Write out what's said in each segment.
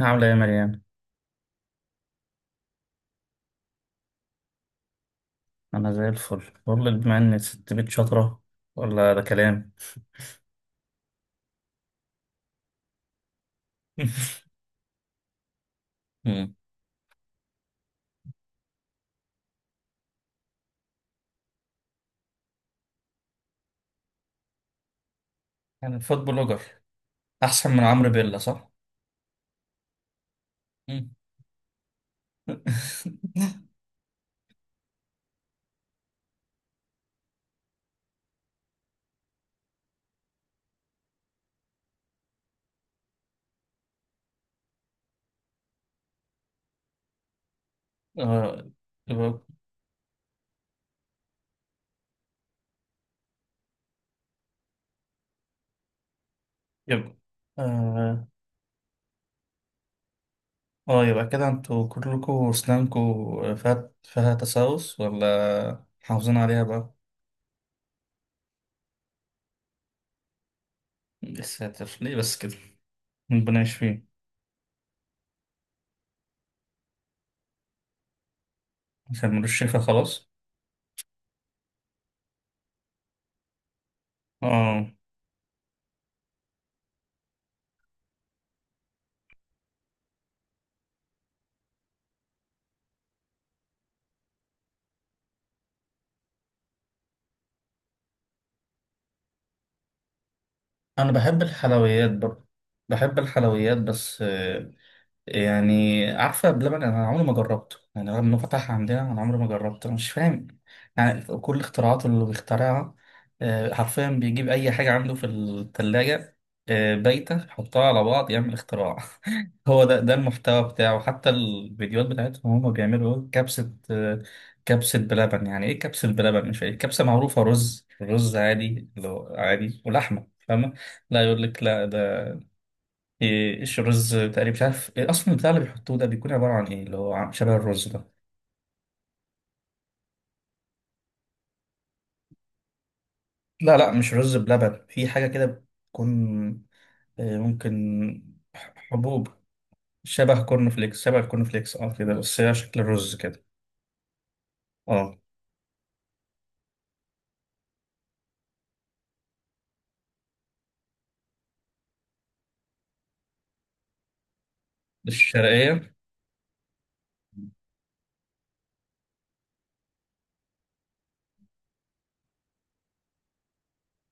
عاملة ايه يا مريم؟ أنا زي الفل، بقول لك بما إن ست بيت شاطرة ولا ده كلام؟ مم. يعني فوت بلوجر أحسن من عمرو بيلا صح؟ مم. آه. يبقى يبقى آه آه، يبقى كده انتوا كلكوا أسنانكوا فيها تسوس ولا محافظين عليها بقى؟ يا ساتر ليه بس كده؟ ربنا يشفيه. عشان ملوش شفا خلاص؟ آه. أنا بحب الحلويات برضه، بحب الحلويات. بس يعني عارفة بلبن، أنا عمري ما جربته، يعني رغم إنه فتح عندنا أنا عمري ما جربته. أنا مش فاهم يعني كل اختراعاته اللي بيخترعها، حرفيا بيجيب أي حاجة عنده في التلاجة بايتة يحطها على بعض يعمل اختراع. هو ده المحتوى بتاعه، حتى الفيديوهات بتاعتهم هما بيعملوا إيه؟ كبسة، كبسة بلبن. يعني إيه كبسة بلبن؟ مش فاهم. كبسة معروفة رز رز عادي، اللي هو عادي ولحمة، فاهمة. لا، يقول لك لا ده إيه، ايش الرز تقريبا، مش عارف إيه، اصلا البتاع اللي بيحطوه ده بيكون عباره عن ايه، اللي هو شبه الرز ده. لا لا، مش رز بلبن، في حاجه كده بتكون إيه، ممكن حبوب، شبه الكورن فليكس اه كده، بس هي شكل الرز كده. اه، الشرقيه.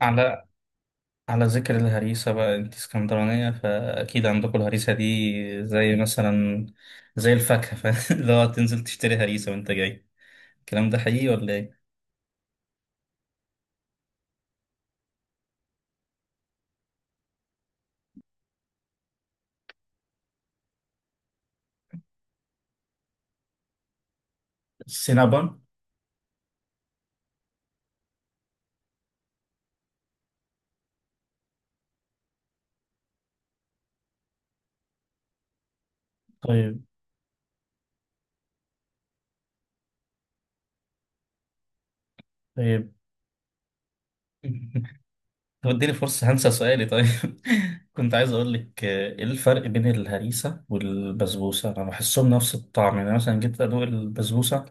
على على ذكر الهريسه بقى، انت اسكندرانيه فاكيد عندكم الهريسه دي، زي مثلا زي الفاكهه اللي هو تنزل تشتري هريسه وانت جاي. الكلام ده حقيقي ولا ايه؟ السينابون. طيب. طيب. طب اديني فرصة هنسى سؤالي، طيب. كنت عايز اقول لك ايه الفرق بين الهريسة والبسبوسة؟ انا بحسهم نفس الطعم، يعني مثلا جيت ادوق البسبوسة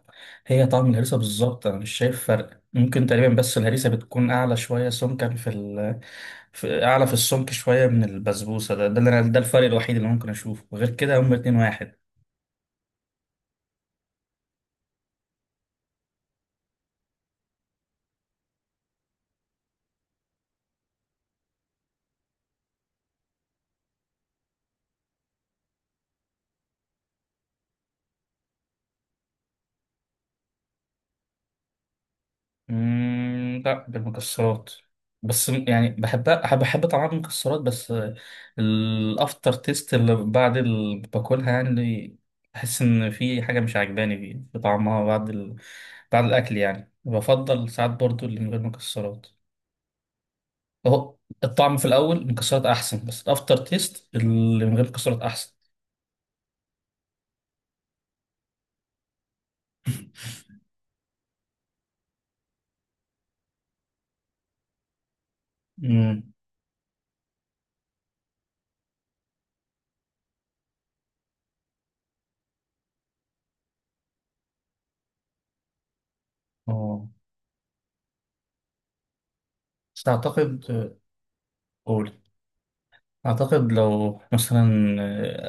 هي طعم الهريسة بالظبط، انا مش شايف فرق، ممكن تقريبا بس الهريسة بتكون اعلى شوية سمكا في اعلى، في السمك شوية من البسبوسة، ده الفرق الوحيد اللي ممكن اشوفه، غير كده هما اتنين واحد. لا، بالمكسرات، بس يعني بحبها، بحب طعم المكسرات، بس الافتر تيست اللي بعد اللي باكلها يعني، بحس ان في حاجه مش عجباني فيه في طعمها بعد الاكل يعني، بفضل ساعات برضو اللي من غير مكسرات. اهو، الطعم في الاول المكسرات احسن بس الافتر تيست اللي من غير مكسرات احسن. امم. اه، بس اعتقد. قول. أعتقد لو مثلا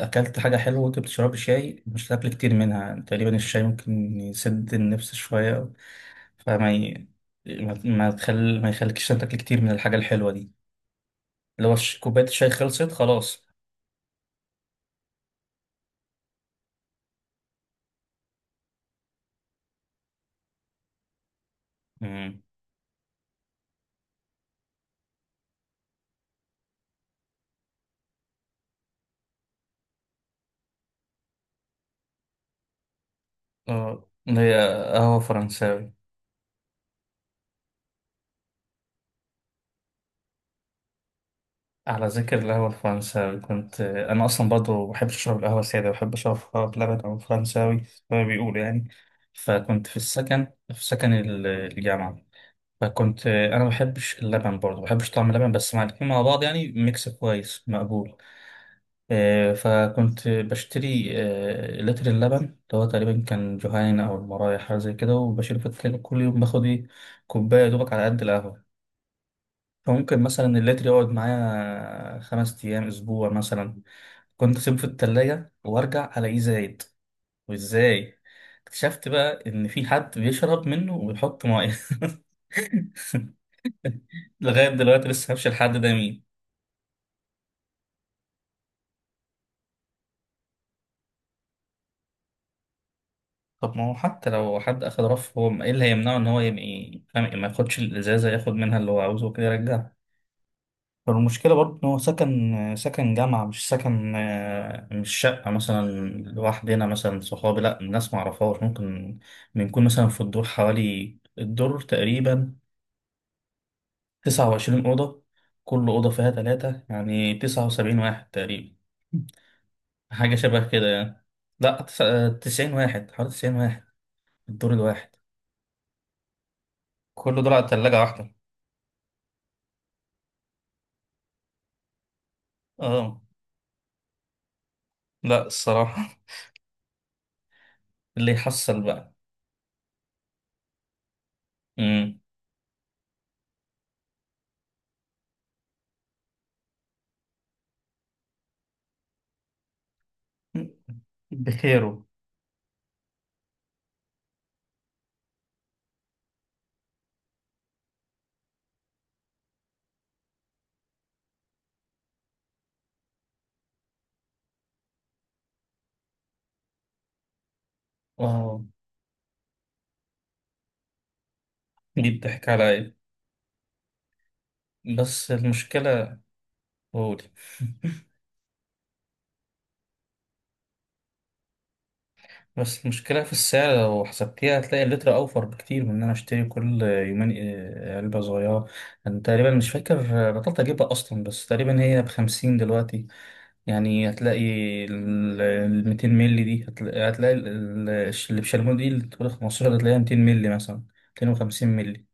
أكلت حاجة حلوة وأنت بتشرب شاي مش هتاكل كتير منها، تقريبا الشاي ممكن يسد النفس شوية، فما ي... ما ما تخل... ما يخليكش تاكل كتير من الحاجة الحلوة دي، لو كوباية الشاي خلصت خلاص. مم. اه، اللي هي قهوة فرنساوي. على ذكر القهوة الفرنساوي، كنت أنا أصلا برضه بحب أشرب القهوة سادة، بحب أشربها بلبن أو فرنساوي زي ما بيقولوا يعني. فكنت في السكن، في سكن ال- الجامعة، فكنت انا ما بحبش اللبن برضه، ما بحبش طعم اللبن، بس مع الاتنين مع بعض يعني ميكس كويس مقبول. فكنت بشتري لتر اللبن اللي هو تقريبا كان جهين او المرايح حاجه زي كده، وبشيله في التلاجة، كل يوم باخد ايه؟ كوبايه يا دوبك على قد القهوه. فممكن مثلا اللتر يقعد معايا 5 ايام، اسبوع مثلا. كنت اسيبه في التلاجة وارجع الاقيه زايد، وازاي اكتشفت بقى ان في حد بيشرب منه ويحط ميه. لغاية دلوقتي لسه هفشل الحد ده مين. طب ما هو حتى لو حد أخد رف، هو إيه اللي هيمنعه إن هو يبقى فاهم، ما ياخدش الإزازة، ياخد منها اللي هو عاوزه وكده يرجعها. فالمشكلة برضه إن هو سكن جامعة، مش سكن آه، مش شقة مثلا لوحدنا، مثلا صحابي، لأ الناس معرفهاش، ممكن بنكون مثلا في الدور حوالي الدور تقريبا 29 أوضة، كل أوضة فيها تلاتة، يعني 79 واحد تقريبا، حاجة شبه كده يعني. لأ، 90 واحد، حوالي 90 واحد الدور الواحد، كله دول على تلاجة واحدة. اه، لا الصراحة. اللي يحصل بقى. امم. بخيره. اه. دي بتحكي على ايه؟ بس المشكلة، قول. بس المشكلة في السعر، لو حسبتيها هتلاقي اللتر أوفر بكتير من إن أنا أشتري كل يومين علبة صغيرة. أنا تقريبا مش فاكر، بطلت أجيبها أصلا، بس تقريبا هي ب50 دلوقتي. يعني هتلاقي ال 200 مللي دي، هتلاقي اللي بشاليمو دي اللي تقول 15، هتلاقيها 200 مللي مثلا، 250 مللي.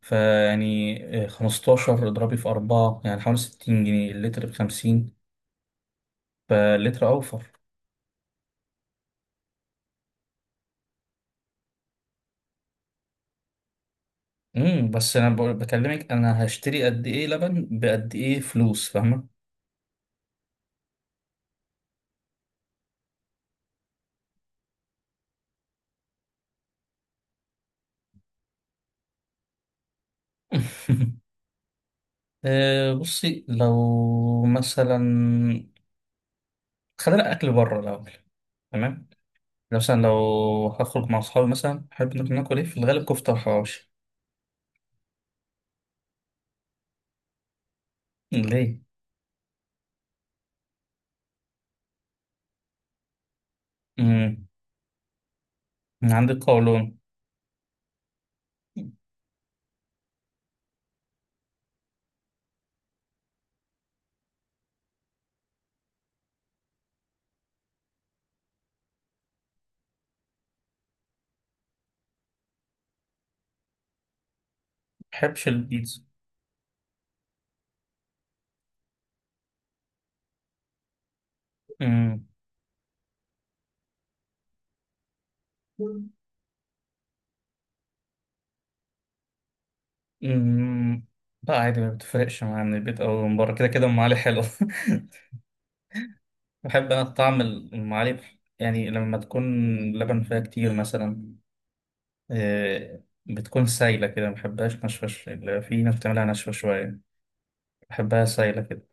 فيعني 15 اضربي في 4، يعني حوالي 60 جنيه، اللتر ب 50، فاللتر اوفر. امم. بس انا بكلمك انا هشتري قد ايه لبن بقد ايه فلوس، فاهمه. بصي، لو مثلا خلينا اكل بره الاول، تمام. مثلا لو هخرج مع أصحابي، مثلا أحب ناكل، ناكل إيه في الغالب؟ كفتة وحواوشي. ليه؟ مم. من عندي قولون. مبحبش البيتزا. مم. مم. لا، عادي، ما بتفرقش مع من البيت أو من بره، كده كده أم علي حلو. بحب أنا طعم الأم علي، يعني لما تكون لبن فيها كتير مثلا، بتكون سايلة كده، ما بحبهاش ناشفة، اللي في ناس بتعملها ناشفة شوية، بحبها سايلة كده.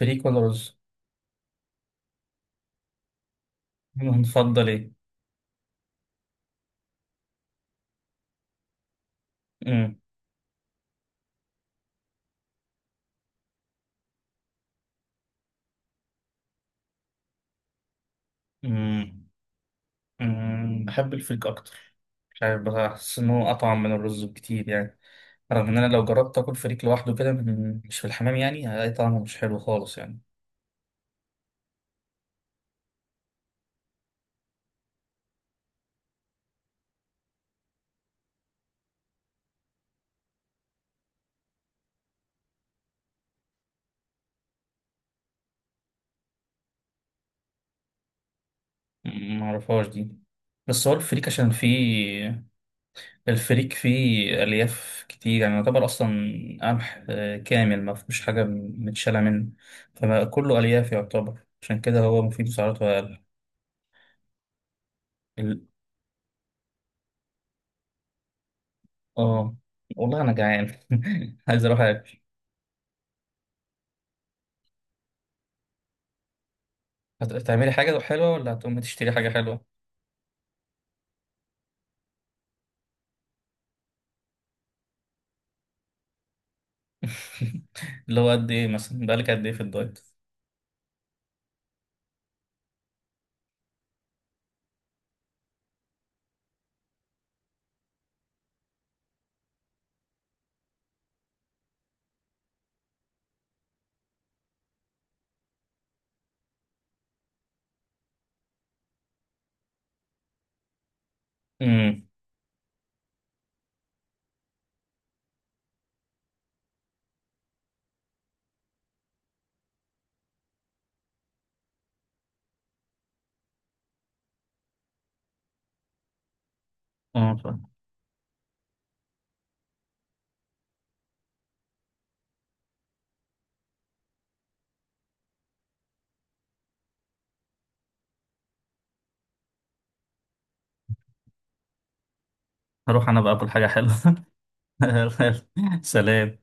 فريك ولا رز؟ نفضل إيه؟ مم. مم. بحب الفريك أكتر، مش عارف، بحس إن هو أطعم من الرز بكتير يعني، رغم إن أنا لو جربت آكل فريك لوحده كده مش في الحمام، يعني هلاقي طعمه مش حلو خالص يعني. معرفهاش دي. بس هو الفريك عشان فيه، الفريك فيه ألياف كتير، يعني يعتبر أصلا قمح كامل، ما فيهوش حاجة متشالة منه، فكله ألياف يعتبر، عشان كده هو مفيد سعراته أقل. ال- آه والله أنا جعان، عايز أروح أكل. هتعملي حاجة حلوة ولا هتقومي تشتري حاجة حلوة؟ اللي هو قد ايه مثلا، بقالك قد ايه في الدايت؟ امم. اه فاهم. هروح انا بقى اكل حاجه حلوه. سلام.